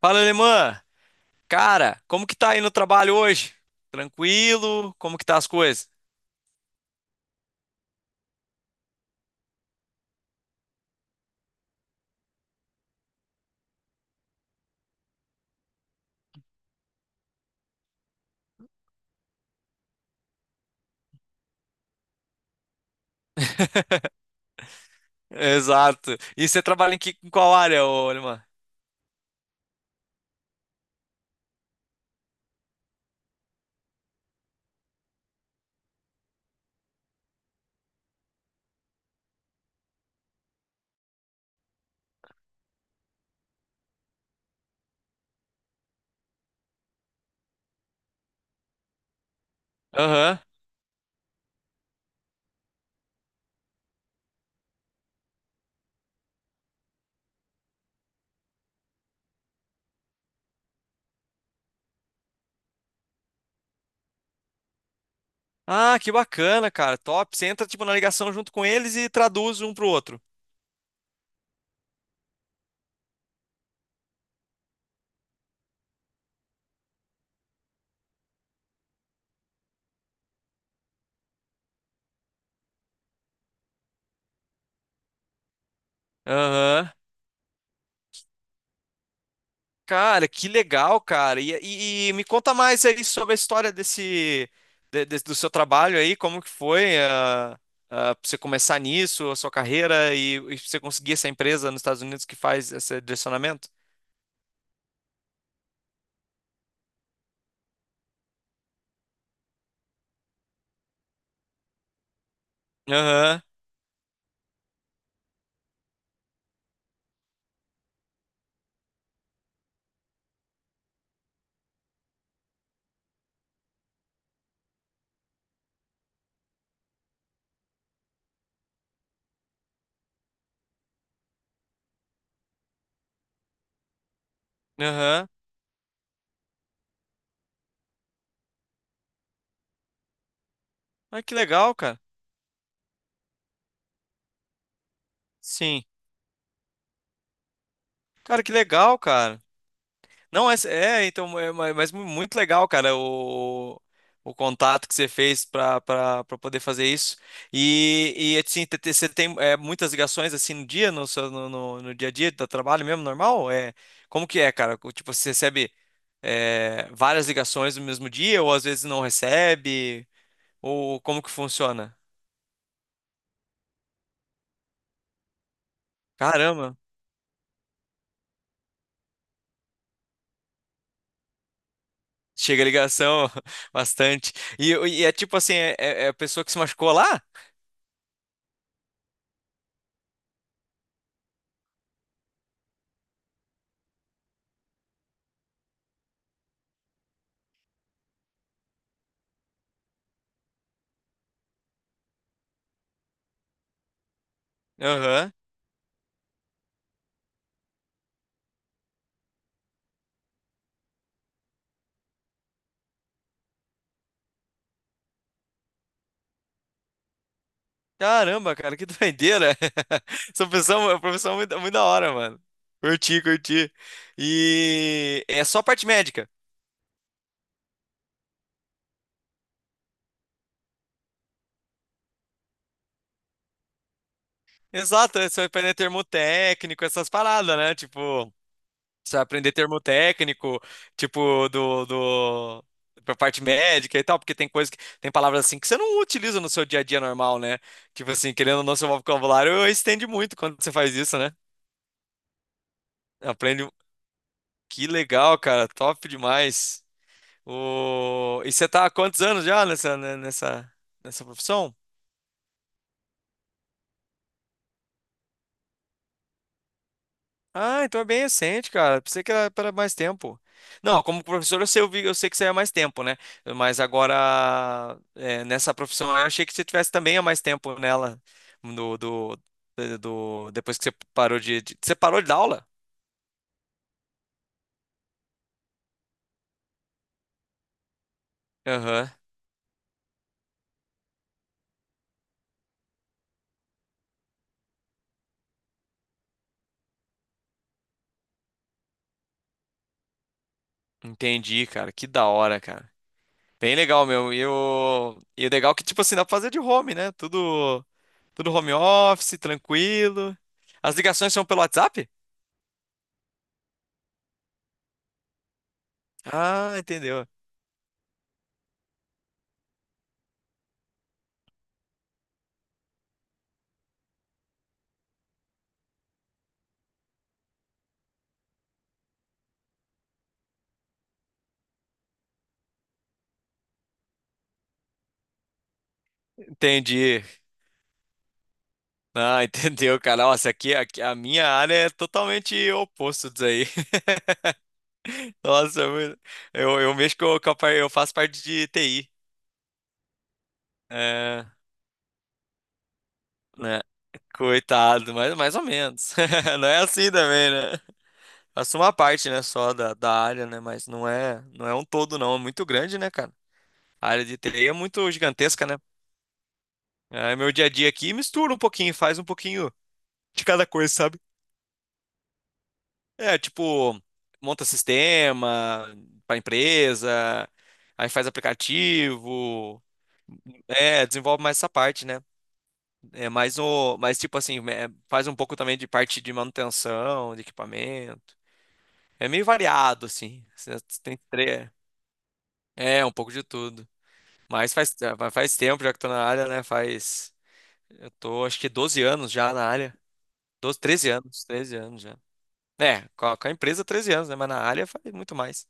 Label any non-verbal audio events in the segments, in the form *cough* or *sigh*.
Fala, alemã! Cara, como que tá aí no trabalho hoje? Tranquilo? Como que tá as coisas? Exato. E você trabalha em, que, em qual área, ô, alemã? Aham. Ah, que bacana, cara. Top. Você entra, tipo, na ligação junto com eles e traduz um pro outro. Aham. Cara, que legal, cara. E, e me conta mais aí sobre a história desse, do seu trabalho aí, como que foi, pra você começar nisso, a sua carreira e você conseguir essa empresa nos Estados Unidos que faz esse direcionamento? Aham, aham. Ah, que legal, cara. Sim. Cara, que legal, cara. Não, é, é então, é, muito legal, cara, o contato que você fez pra, pra, pra poder fazer isso. E assim, você tem é, muitas ligações assim no dia, no, seu, no, no, no dia a dia do trabalho mesmo, normal? É, como que é, cara? O, tipo, você recebe é, várias ligações no mesmo dia, ou às vezes não recebe, ou como que funciona? Caramba. Chega a ligação *laughs* bastante. E é tipo assim, é, é a pessoa que se machucou lá? Aham. Caramba, cara, que doideira. *laughs* Essa pessoa, é uma profissão muito, muito da hora, mano. Curti, curti. E é só parte médica. Exato, é só aprender termotécnico, essas paradas, né? Tipo, precisa aprender termo técnico, tipo, pra parte médica e tal, porque tem coisa que, tem palavras assim que você não utiliza no seu dia a dia normal, né? Tipo assim, querendo ou não, seu vocabulário estende muito quando você faz isso, né? Aprende. Que legal, cara, top demais. O... E você tá há quantos anos já nessa, né, nessa, nessa profissão? Ah, então é bem recente, cara. Pensei que era para mais tempo. Não, como professor eu sei, eu sei que você é mais tempo, né? Mas agora, é, nessa profissão, eu achei que você tivesse também há mais tempo nela. Do, do, Depois que você parou Você parou de dar aula? Aham. Entendi, cara. Que da hora, cara. Bem legal, meu. E o legal é que, tipo assim, dá pra fazer de home, né? Tudo, tudo home office, tranquilo. As ligações são pelo WhatsApp? Ah, entendeu. Entendi. Ah, *laughs* entendeu, cara. Nossa, aqui, aqui a minha área é totalmente oposto disso aí. *laughs* Nossa, eu mexo com a, eu faço parte de TI. É, né? Coitado, mas mais ou menos. *laughs* Não é assim também, né? Faço uma parte, né, só da, da área, né? Mas não é, não é um todo, não. É muito grande, né, cara? A área de TI é muito gigantesca, né? É, meu dia a dia aqui mistura um pouquinho, faz um pouquinho de cada coisa, sabe? É, tipo, monta sistema para empresa, aí faz aplicativo, é, desenvolve mais essa parte, né? É mais o, mas tipo assim, é, faz um pouco também de parte de manutenção, de equipamento. É meio variado assim. Você Tem tre- é, um pouco de tudo. Mas faz, é, faz tempo já que tô na área, né? Faz, eu tô acho que 12 anos já na área. 12 13 anos, 13 anos já. É, com a empresa 13 anos, né? Mas na área faz muito mais.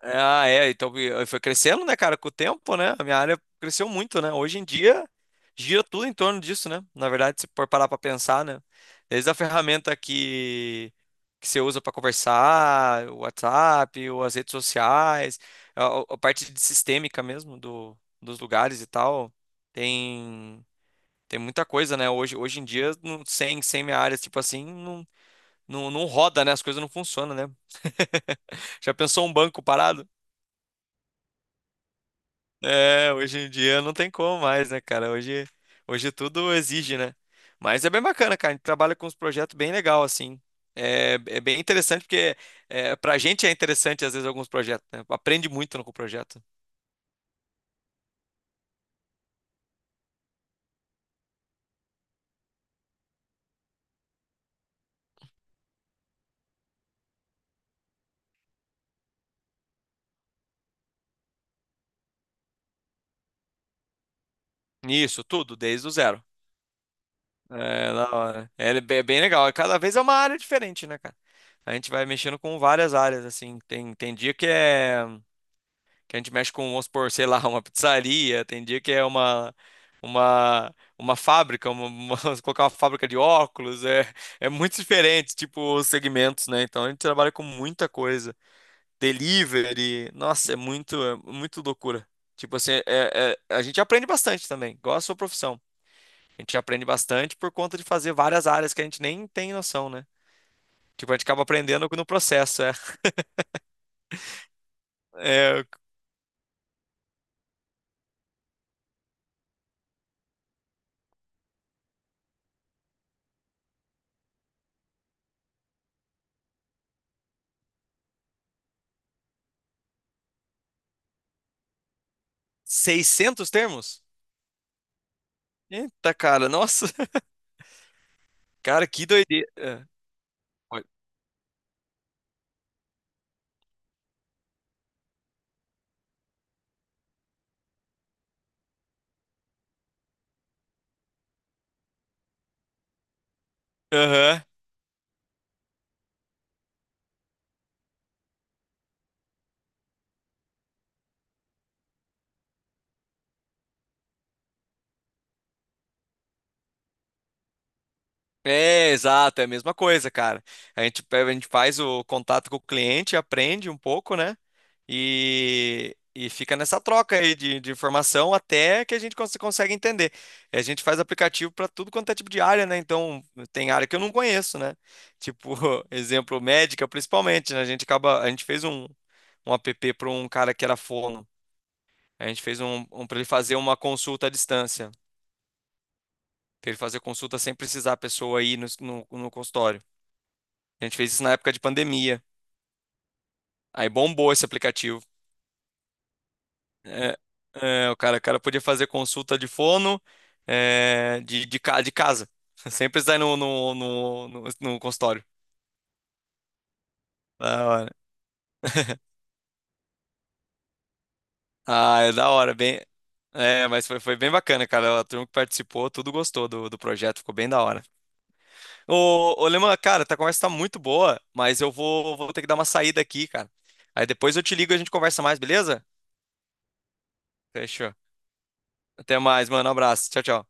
Ah, é, então e foi crescendo, né, cara, com o tempo, né? A minha área cresceu muito, né? Hoje em dia gira tudo em torno disso, né? Na verdade, se for parar para pensar, né? Desde a ferramenta que você usa para conversar, o WhatsApp, ou as redes sociais, a, a parte de sistêmica mesmo do, dos lugares e tal, tem tem muita coisa, né? Hoje em dia, não, sem minha área, tipo assim, não, não, não roda, né? As coisas não funcionam, né? *laughs* Já pensou um banco parado? É, hoje em dia não tem como mais, né, cara? Hoje, hoje tudo exige, né? Mas é bem bacana, cara. A gente trabalha com uns projetos bem legal, assim. É, é bem interessante, porque é, pra gente é interessante, às vezes, alguns projetos, né? Aprende muito com o projeto. Isso, tudo, desde o zero. É, da hora. É, é bem legal. Cada vez é uma área diferente, né, cara? A gente vai mexendo com várias áreas, assim. Tem, tem dia que é, que a gente mexe com, vamos supor, sei lá, *laughs* uma pizzaria, tem dia que é uma fábrica, *laughs* colocar uma fábrica de óculos, é, é muito diferente, tipo, os segmentos, né? Então a gente trabalha com muita coisa. Delivery, nossa, é muito loucura. Tipo assim, é, a gente aprende bastante também, igual a sua profissão. A gente aprende bastante por conta de fazer várias áreas que a gente nem tem noção, né? Tipo, a gente acaba aprendendo no processo, é. É, 600 termos? Eita, cara, nossa. Cara, que doideira. Ah, oi. Aham. É, exato, é a mesma coisa, cara. A gente, a gente faz o contato com o cliente, aprende um pouco, né? E fica nessa troca aí de informação até que a gente consegue entender. E a gente faz aplicativo para tudo quanto é tipo de área, né? Então, tem área que eu não conheço, né? Tipo, *laughs* exemplo, médica, principalmente, né? A gente acaba, a gente fez um, um app para um cara que era fono. A gente fez um, um para ele fazer uma consulta à distância, que ele fazia consulta sem precisar a pessoa ir no, no, no consultório. A gente fez isso na época de pandemia. Aí bombou esse aplicativo. É, é, o cara podia fazer consulta de fono, é, de, de casa, *laughs* sem precisar ir no, no, no, no, no consultório. Da hora. Ah, é da hora, bem. É, mas foi, foi bem bacana, cara. A turma que participou, tudo gostou do, do projeto, ficou bem da hora. Ô, ô Leman, cara, tá, a conversa tá muito boa, mas eu vou, vou ter que dar uma saída aqui, cara. Aí depois eu te ligo e a gente conversa mais, beleza? Fechou. Até mais, mano. Um abraço. Tchau, tchau.